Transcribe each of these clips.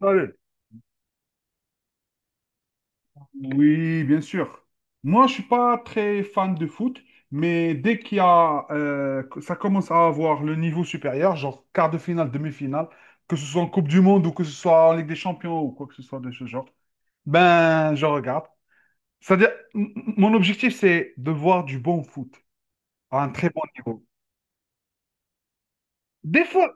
Allez. Oui, bien sûr. Moi, je suis pas très fan de foot, mais dès qu'il y a, que ça commence à avoir le niveau supérieur, genre quart de finale, demi-finale, que ce soit en Coupe du Monde ou que ce soit en Ligue des Champions ou quoi que ce soit de ce genre, ben, je regarde. C'est-à-dire, mon objectif, c'est de voir du bon foot à un très bon niveau. Des fois,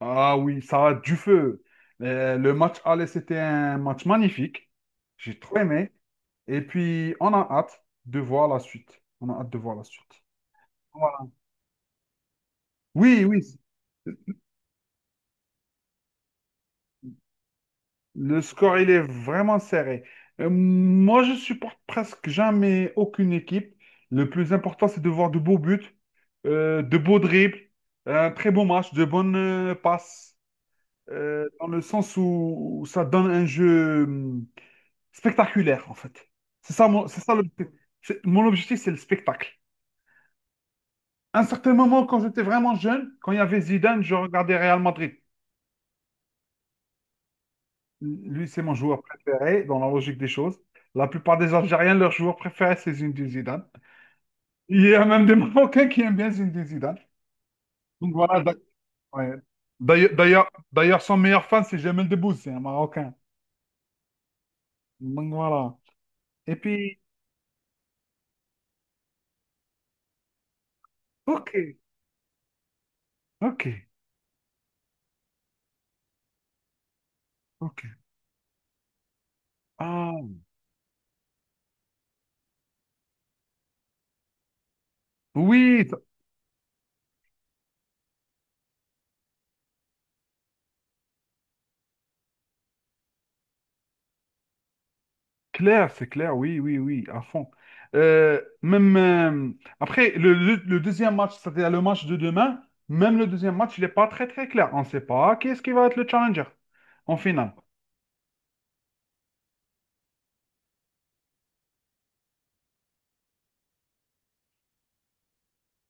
ah oui, ça a du feu. Le, match aller, c'était un match magnifique. J'ai trop aimé. Et puis, on a hâte de voir la suite. On a hâte de voir la suite. Voilà. Oui, oui, le score, il est vraiment serré. Moi, je supporte presque jamais aucune équipe. Le plus important, c'est de voir de beaux buts, de beaux dribbles, un très beau match, de bonnes passes, dans le sens où, où ça donne un jeu. Spectaculaire, en fait. C'est ça, c'est ça l'objectif. Mon objectif, c'est le spectacle. À un certain moment, quand j'étais vraiment jeune, quand il y avait Zidane, je regardais Real Madrid. Lui, c'est mon joueur préféré, dans la logique des choses. La plupart des Algériens, leur joueur préféré, c'est Zinedine Zidane. Il y a même des Marocains qui aiment bien Zinedine Zidane. Donc voilà. Ouais. D'ailleurs, son meilleur fan, c'est Jamel Debbouze, c'est un Marocain. Donc voilà. Et puis, ok, ok, ok. Ah, oui, clair, c'est clair, oui, oui, oui, à fond. Même après le deuxième match, c'est-à-dire le match de demain, même le deuxième match, il n'est pas très très clair. On ne sait pas qui est-ce qui va être le challenger en finale.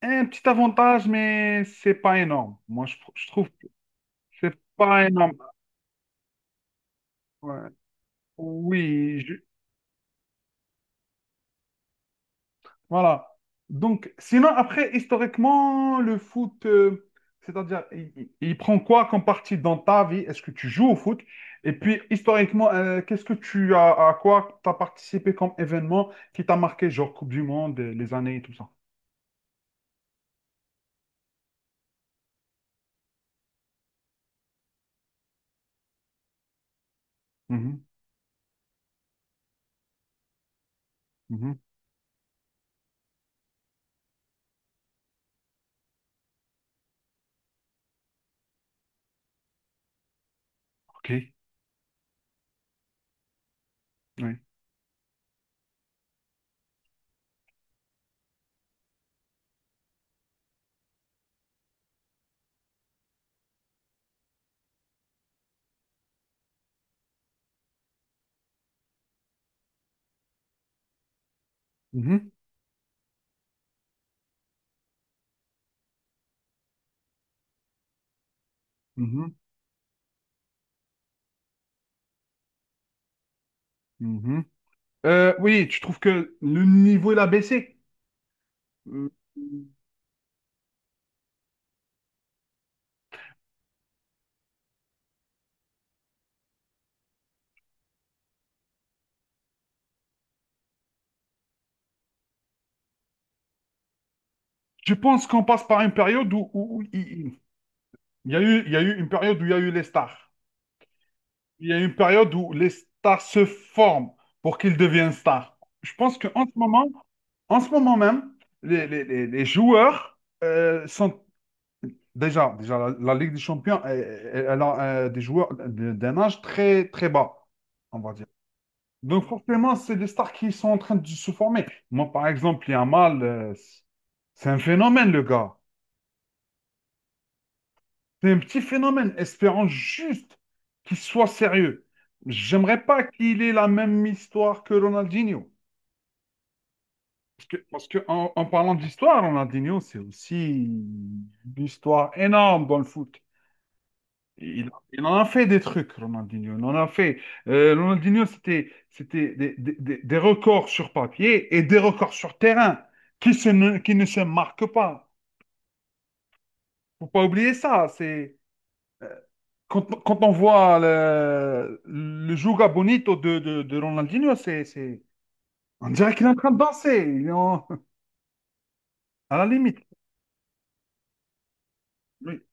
Un petit avantage, mais c'est pas énorme. Moi, je trouve que c'est pas énorme. Ouais. Oui, voilà. Donc, sinon, après, historiquement, le foot, c'est-à-dire, il prend quoi comme partie dans ta vie? Est-ce que tu joues au foot? Et puis, historiquement, qu'est-ce que tu as, à quoi tu as participé comme événement qui t'a marqué, genre Coupe du Monde, les années et tout ça? Mhm, mhm, ok, oui. Mhm, mhm, mhm. Oui, tu trouves que le niveau, il a baissé? Euh, Je pense qu'on passe par une période où il y a eu, il y a eu une période où il y a eu les stars. Il y a une période où les stars se forment pour qu'ils deviennent stars. Je pense qu'en ce moment, en ce moment même, les joueurs sont déjà, déjà la Ligue des Champions, elle, elle a des joueurs d'un âge très, très bas, on va dire. Donc forcément, c'est des stars qui sont en train de se former. Moi, par exemple, il y a un mal, c'est un phénomène, le gars. C'est un petit phénomène, espérant juste qu'il soit sérieux. J'aimerais pas qu'il ait la même histoire que Ronaldinho. En parlant d'histoire, Ronaldinho, c'est aussi une histoire énorme dans le foot. Il en a fait des trucs, Ronaldinho. Il en a fait. Ronaldinho, c'était des, des records sur papier et des records sur terrain qui ne se marquent pas. Faut pas oublier ça. C'est, quand, quand on voit le Juga Bonito de Ronaldinho, on dirait qu'il est en train de danser, à la limite. Oui.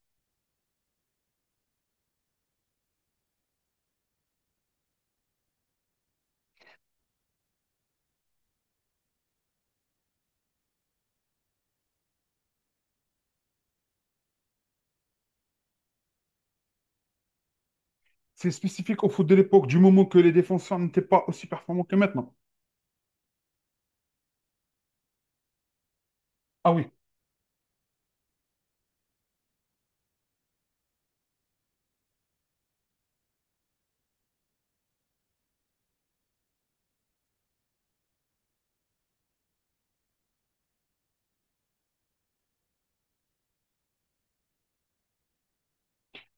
C'est spécifique au foot de l'époque, du moment que les défenseurs n'étaient pas aussi performants que maintenant. Ah oui,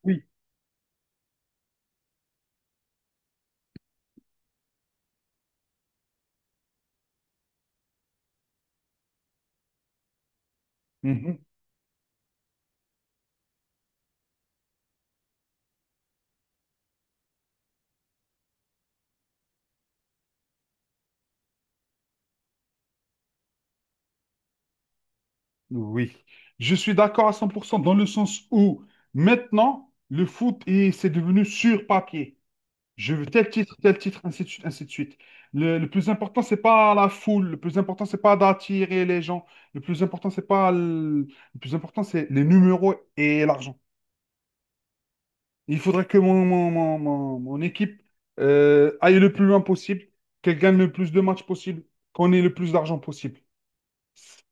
oui. Mhm. Oui. Je suis d'accord à 100% dans le sens où maintenant, c'est devenu sur papier. Je veux tel titre, ainsi de suite, ainsi de suite. Le plus important, c'est pas la foule. Le plus important, c'est pas d'attirer les gens. Le plus important, c'est pas le... le plus important, c'est les numéros et l'argent. Il faudrait que mon équipe aille le plus loin possible, qu'elle gagne le plus de matchs possible, qu'on ait le plus d'argent possible.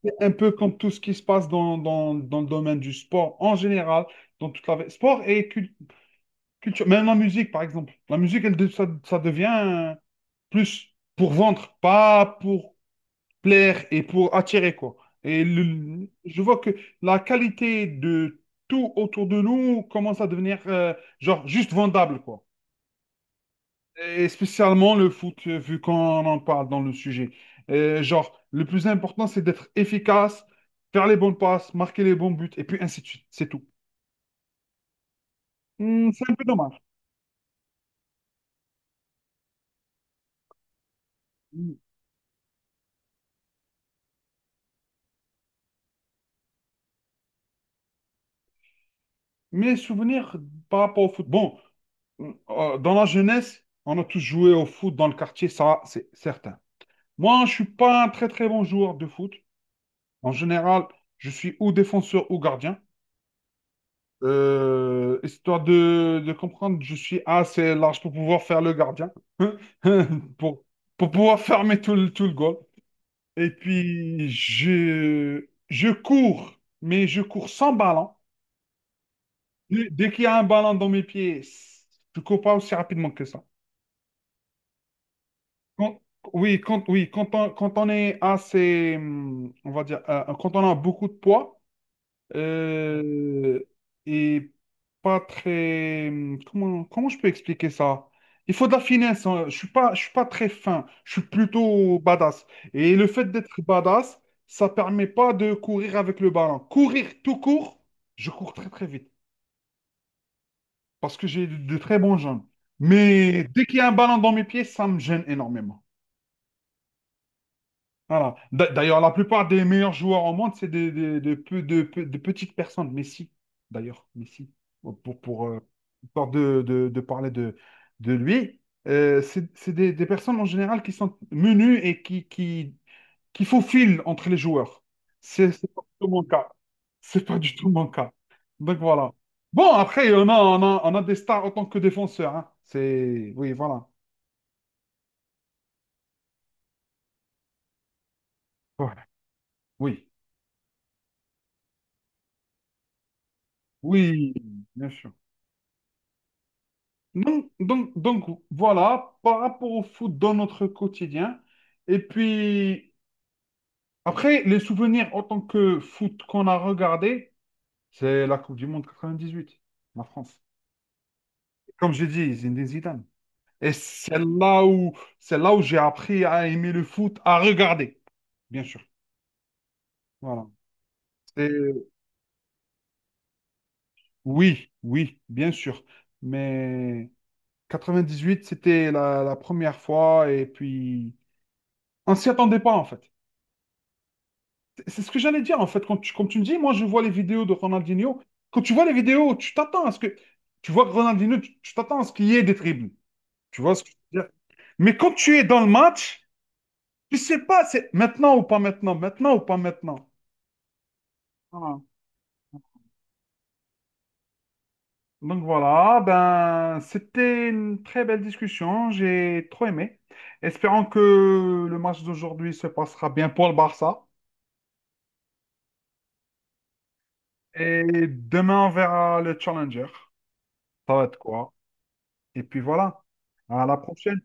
C'est un peu comme tout ce qui se passe dans, dans le domaine du sport en général, dans toute la vie. Culture, même la musique, par exemple. La musique, ça, ça devient. Plus pour vendre, pas pour plaire et pour attirer, quoi. Je vois que la qualité de tout autour de nous commence à devenir, genre, juste vendable, quoi. Et spécialement le foot, vu qu'on en parle dans le sujet. Genre, le plus important, c'est d'être efficace, faire les bonnes passes, marquer les bons buts, et puis ainsi de suite. C'est tout. Hmm, c'est un peu dommage. Mes souvenirs par rapport au foot. Bon, dans la jeunesse, on a tous joué au foot dans le quartier, ça, c'est certain. Moi, je suis pas un très très bon joueur de foot. En général, je suis ou défenseur ou gardien. Histoire de comprendre, je suis assez large pour pouvoir faire le gardien, pour, pour pouvoir fermer tout le goal. Et puis, je cours, mais je cours sans ballon. Dès qu'il y a un ballon dans mes pieds, je cours pas aussi rapidement que ça. Quand- oui, oui, quand on est assez, on va dire, quand on a beaucoup de poids euh, et pas très, comment je peux expliquer ça? Il faut de la finesse. Hein. Je suis pas très fin. Je suis plutôt badass. Et le fait d'être badass, ça permet pas de courir avec le ballon. Courir tout court, je cours très très vite. Parce que j'ai de très bons jambes. Mais dès qu'il y a un ballon dans mes pieds, ça me gêne énormément. Voilà. D'ailleurs, la plupart des meilleurs joueurs au monde, c'est des, de petites personnes. Messi, pour, pour, euh, histoire de parler de lui, c'est des personnes en général qui sont menues et qui qu'il faut fil entre les joueurs. C'est pas du tout mon cas. C'est pas du tout mon cas. Donc voilà. Bon, après, on a des stars en tant que défenseurs. Hein. C'est... oui, voilà. Voilà. Oui. Oui, bien sûr. Donc, voilà, par rapport au foot dans notre quotidien. Et puis, après, les souvenirs en tant que foot qu'on a regardé, c'est la Coupe du Monde 98, la France. Comme j'ai dit, Zinedine Zidane. Et c'est là où, c'est là où j'ai appris à aimer le foot, à regarder, bien sûr. Voilà. C'est- oui, oui, bien sûr. Mais 98, c'était la première fois. Et puis, on s'y attendait pas, en fait. C'est ce que j'allais dire, en fait. Comme tu me dis, moi, je vois les vidéos de Ronaldinho. Quand tu vois les vidéos, tu t'attends à ce que. Tu vois que Ronaldinho, tu t'attends à ce qu'il y ait des dribbles. Tu vois ce que je veux dire? Mais quand tu es dans le match, tu sais pas, c'est maintenant ou pas maintenant, maintenant ou pas maintenant. Voilà. Donc voilà, ben c'était une très belle discussion, j'ai trop aimé. Espérons que le match d'aujourd'hui se passera bien pour le Barça. Et demain, on verra le challenger. Ça va être quoi? Et puis voilà, à la prochaine.